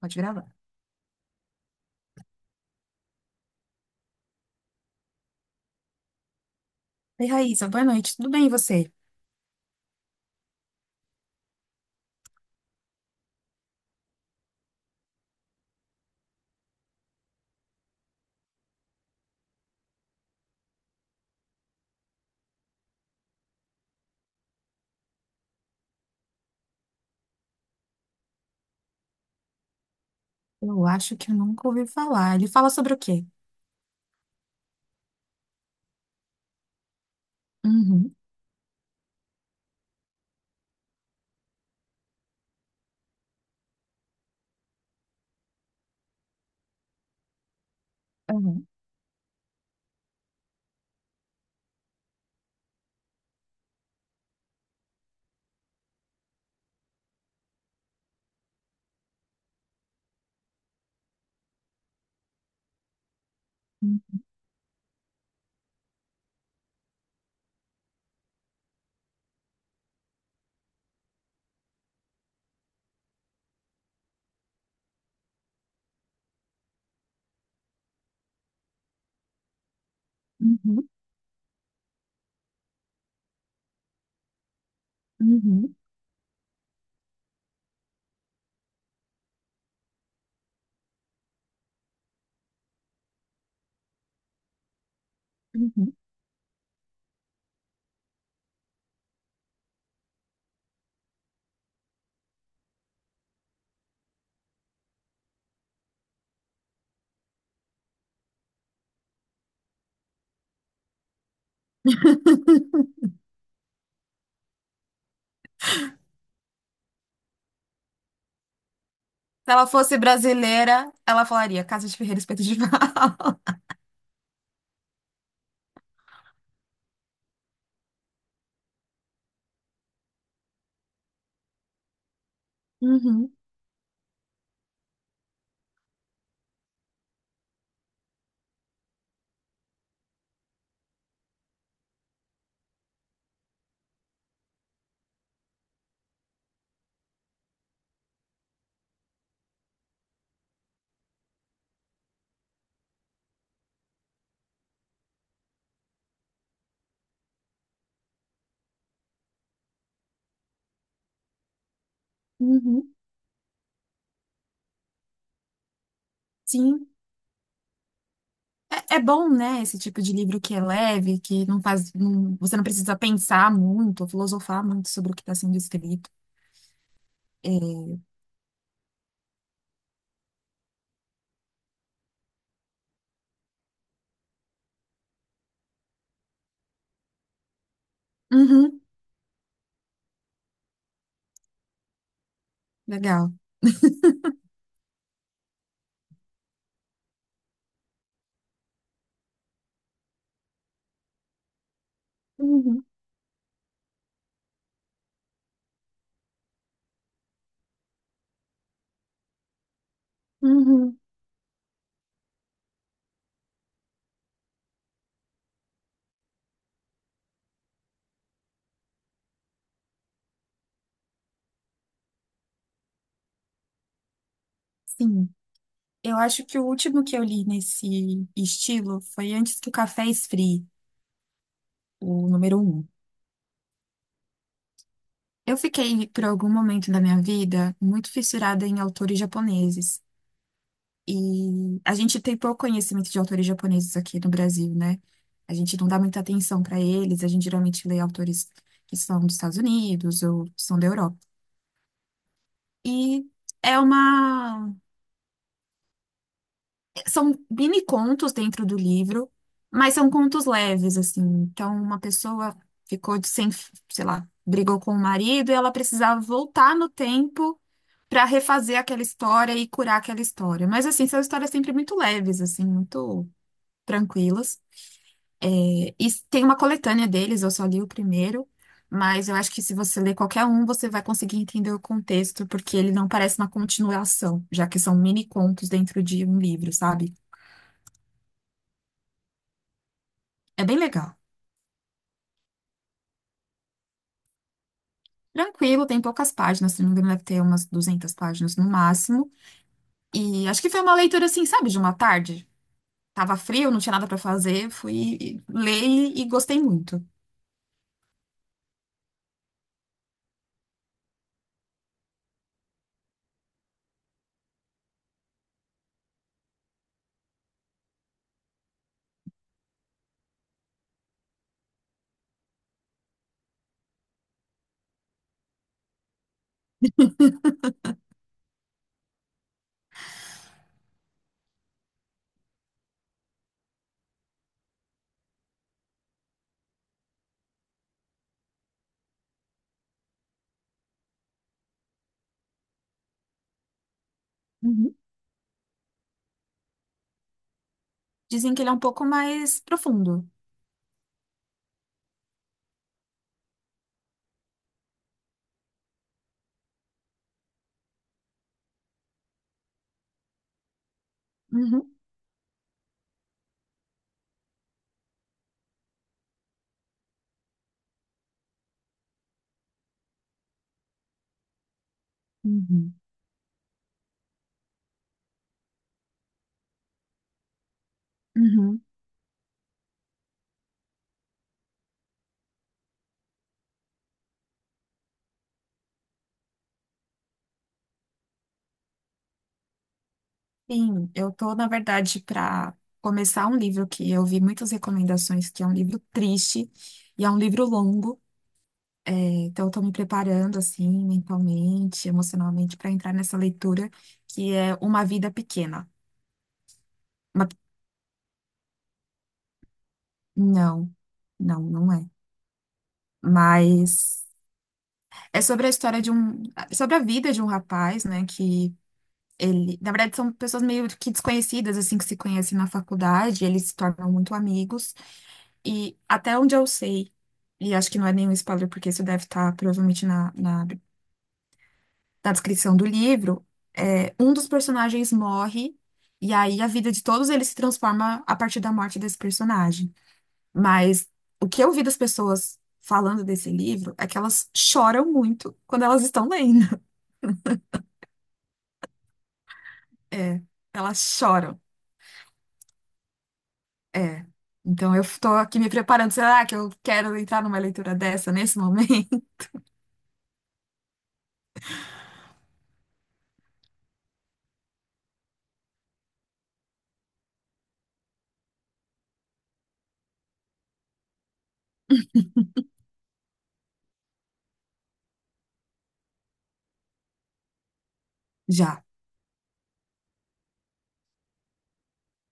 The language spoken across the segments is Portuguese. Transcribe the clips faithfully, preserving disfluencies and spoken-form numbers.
Pode gravar. Oi, Raíssa, boa noite. Tudo bem, e você? Eu acho que eu nunca ouvi falar. Ele fala sobre o quê? Uhum, uhum, uhum, uhum, uhum, uhum. Se ela fosse brasileira, ela falaria Casa de Ferreiro Espeto de Pau. Uhum, uhum, sim. É, é bom, né? Esse tipo de livro que é leve, que não faz, não- você não precisa pensar muito, ou filosofar muito sobre o que está sendo escrito. É, uhum, legal. Uhum, uhum, sim. Eu acho que o último que eu li nesse estilo foi Antes que o Café Esfrie, o número um. Eu fiquei, por algum momento da minha vida, muito fissurada em autores japoneses. E a gente tem pouco conhecimento de autores japoneses aqui no Brasil, né? A gente não dá muita atenção para eles, a gente geralmente lê autores que são dos Estados Unidos ou são da Europa. E é uma são mini contos dentro do livro, mas são contos leves, assim. Então, uma pessoa ficou de sem, sei lá, brigou com o marido e ela precisava voltar no tempo para refazer aquela história e curar aquela história. Mas, assim, são histórias sempre muito leves, assim, muito tranquilas. E tem uma coletânea deles, eu só li o primeiro, mas eu acho que se você ler qualquer um, você vai conseguir entender o contexto, porque ele não parece uma continuação, já que são mini contos dentro de um livro, sabe? É bem legal. Tranquilo, tem poucas páginas, se não me engano, deve ter umas duzentas páginas no máximo. E acho que foi uma leitura assim, sabe, de uma tarde. Tava frio, não tinha nada pra fazer, fui ler e e gostei muito. Uhum. Dizem que ele é um pouco mais profundo. Uhum, uhum, uhum. Sim, eu tô, na verdade, para começar um livro que eu vi muitas recomendações, que é um livro triste e é um livro longo. É, então, estou me preparando assim, mentalmente, emocionalmente, para entrar nessa leitura que é Uma Vida Pequena. Uma- Não, não, não é. Mas é sobre a história de um, sobre a vida de um rapaz, né? Que ele, na verdade, são pessoas meio que desconhecidas, assim, que se conhecem na faculdade, eles se tornam muito amigos. E até onde eu sei, e acho que não é nenhum spoiler, porque isso deve estar provavelmente na, na da descrição do livro, é, um dos personagens morre e aí a vida de todos eles se transforma a partir da morte desse personagem. Mas o que eu vi das pessoas falando desse livro é que elas choram muito quando elas estão lendo. É, elas choram. É. Então eu tô aqui me preparando. Será que eu quero entrar numa leitura dessa nesse momento? Já.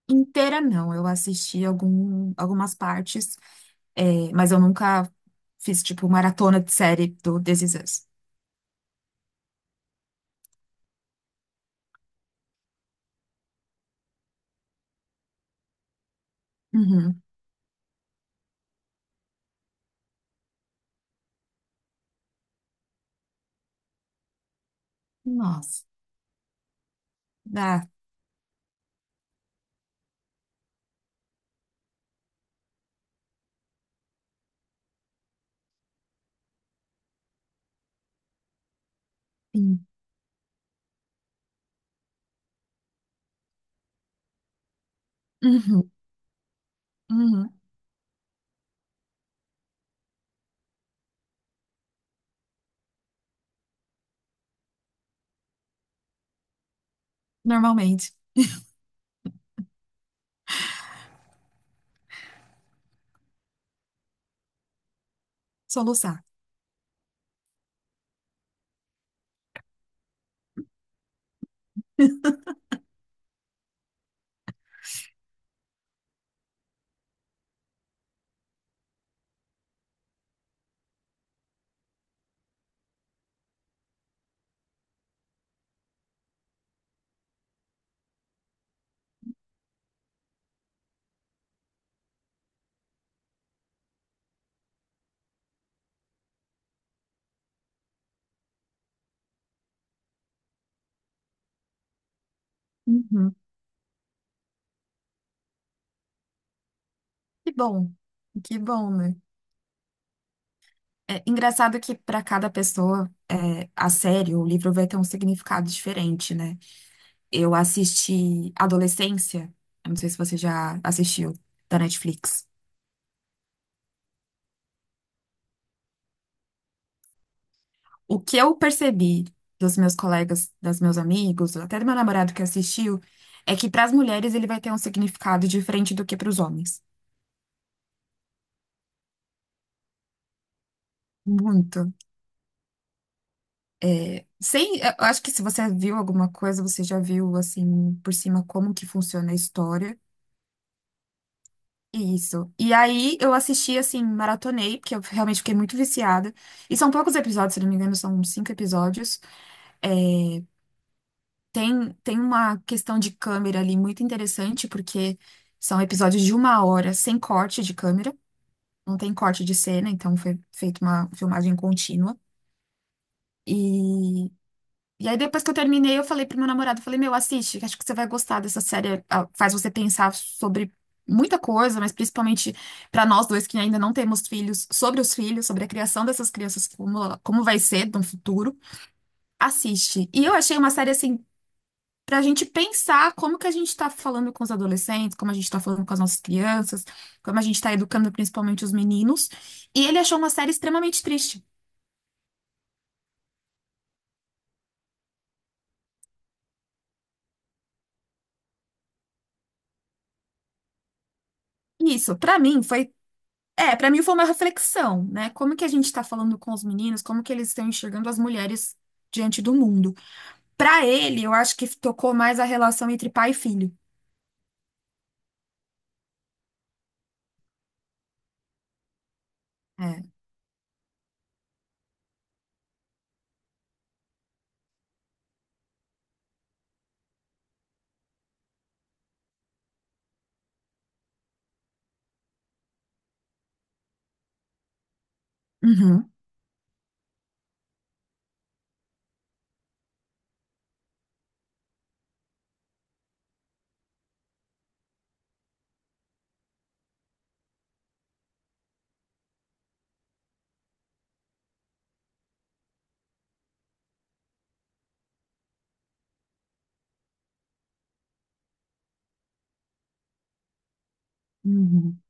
Inteira não, eu assisti algum, algumas partes, é, mas eu nunca fiz tipo maratona de série do This Is Us. Uhum. Nossa. Ah, sim. Uhum. Uhum. Normalmente, soluçar. Uhum. Que bom. Que bom, né? É engraçado que para cada pessoa, é, a série, o livro vai ter um significado diferente, né? Eu assisti Adolescência, eu não sei se você já assistiu, da Netflix. O que eu percebi dos meus colegas, dos meus amigos, até do meu namorado que assistiu, é que para as mulheres ele vai ter um significado diferente do que para os homens. Muito. É, Sem, eu acho que se você viu alguma coisa, você já viu assim por cima como que funciona a história. Isso. E aí eu assisti assim, maratonei, porque eu realmente fiquei muito viciada. E são poucos episódios, se não me engano, são cinco episódios. É, tem, tem uma questão de câmera ali muito interessante, porque são episódios de uma hora sem corte de câmera, não tem corte de cena, então foi feita uma filmagem contínua. e E aí, depois que eu terminei, eu falei pro meu namorado, eu falei, meu, assiste, que acho que você vai gostar dessa série. Ah, faz você pensar sobre muita coisa, mas principalmente para nós dois que ainda não temos filhos, sobre os filhos, sobre a criação dessas crianças, como, como vai ser no futuro. Assiste. E eu achei uma série assim. Pra gente pensar como que a gente tá falando com os adolescentes, como a gente tá falando com as nossas crianças, como a gente tá educando principalmente os meninos. E ele achou uma série extremamente triste. E Isso, pra mim, foi É, para mim foi uma reflexão, né? Como que a gente está falando com os meninos, como que eles estão enxergando as mulheres diante do mundo. Para ele, eu acho que tocou mais a relação entre pai e filho. É. Uhum. Uhum.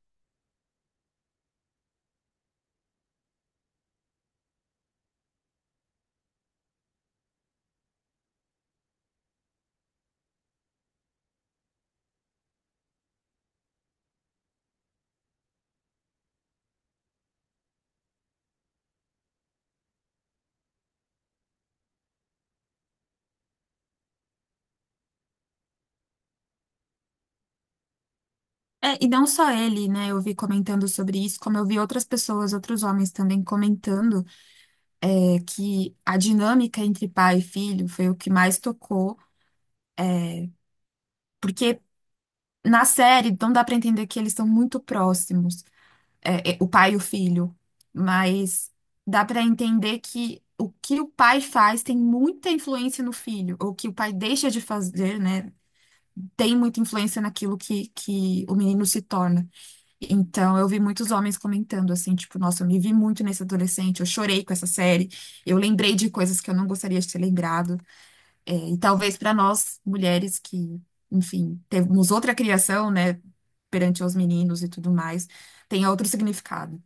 É, e não só ele, né? Eu vi comentando sobre isso, como eu vi outras pessoas, outros homens também comentando, é, que a dinâmica entre pai e filho foi o que mais tocou, porque na série não dá para entender que eles estão muito próximos. É, é, o pai e o filho, mas dá para entender que o que o pai faz tem muita influência no filho, ou o que o pai deixa de fazer, né, tem muita influência naquilo que, que o menino se torna. Então, eu vi muitos homens comentando assim, tipo, nossa, eu me vi muito nesse adolescente, eu chorei com essa série, eu lembrei de coisas que eu não gostaria de ter lembrado, É, e talvez para nós, mulheres que, enfim, temos outra criação, né, perante os meninos e tudo mais, tenha outro significado.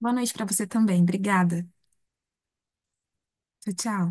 Boa noite para você também. Obrigada. Tchau, tchau.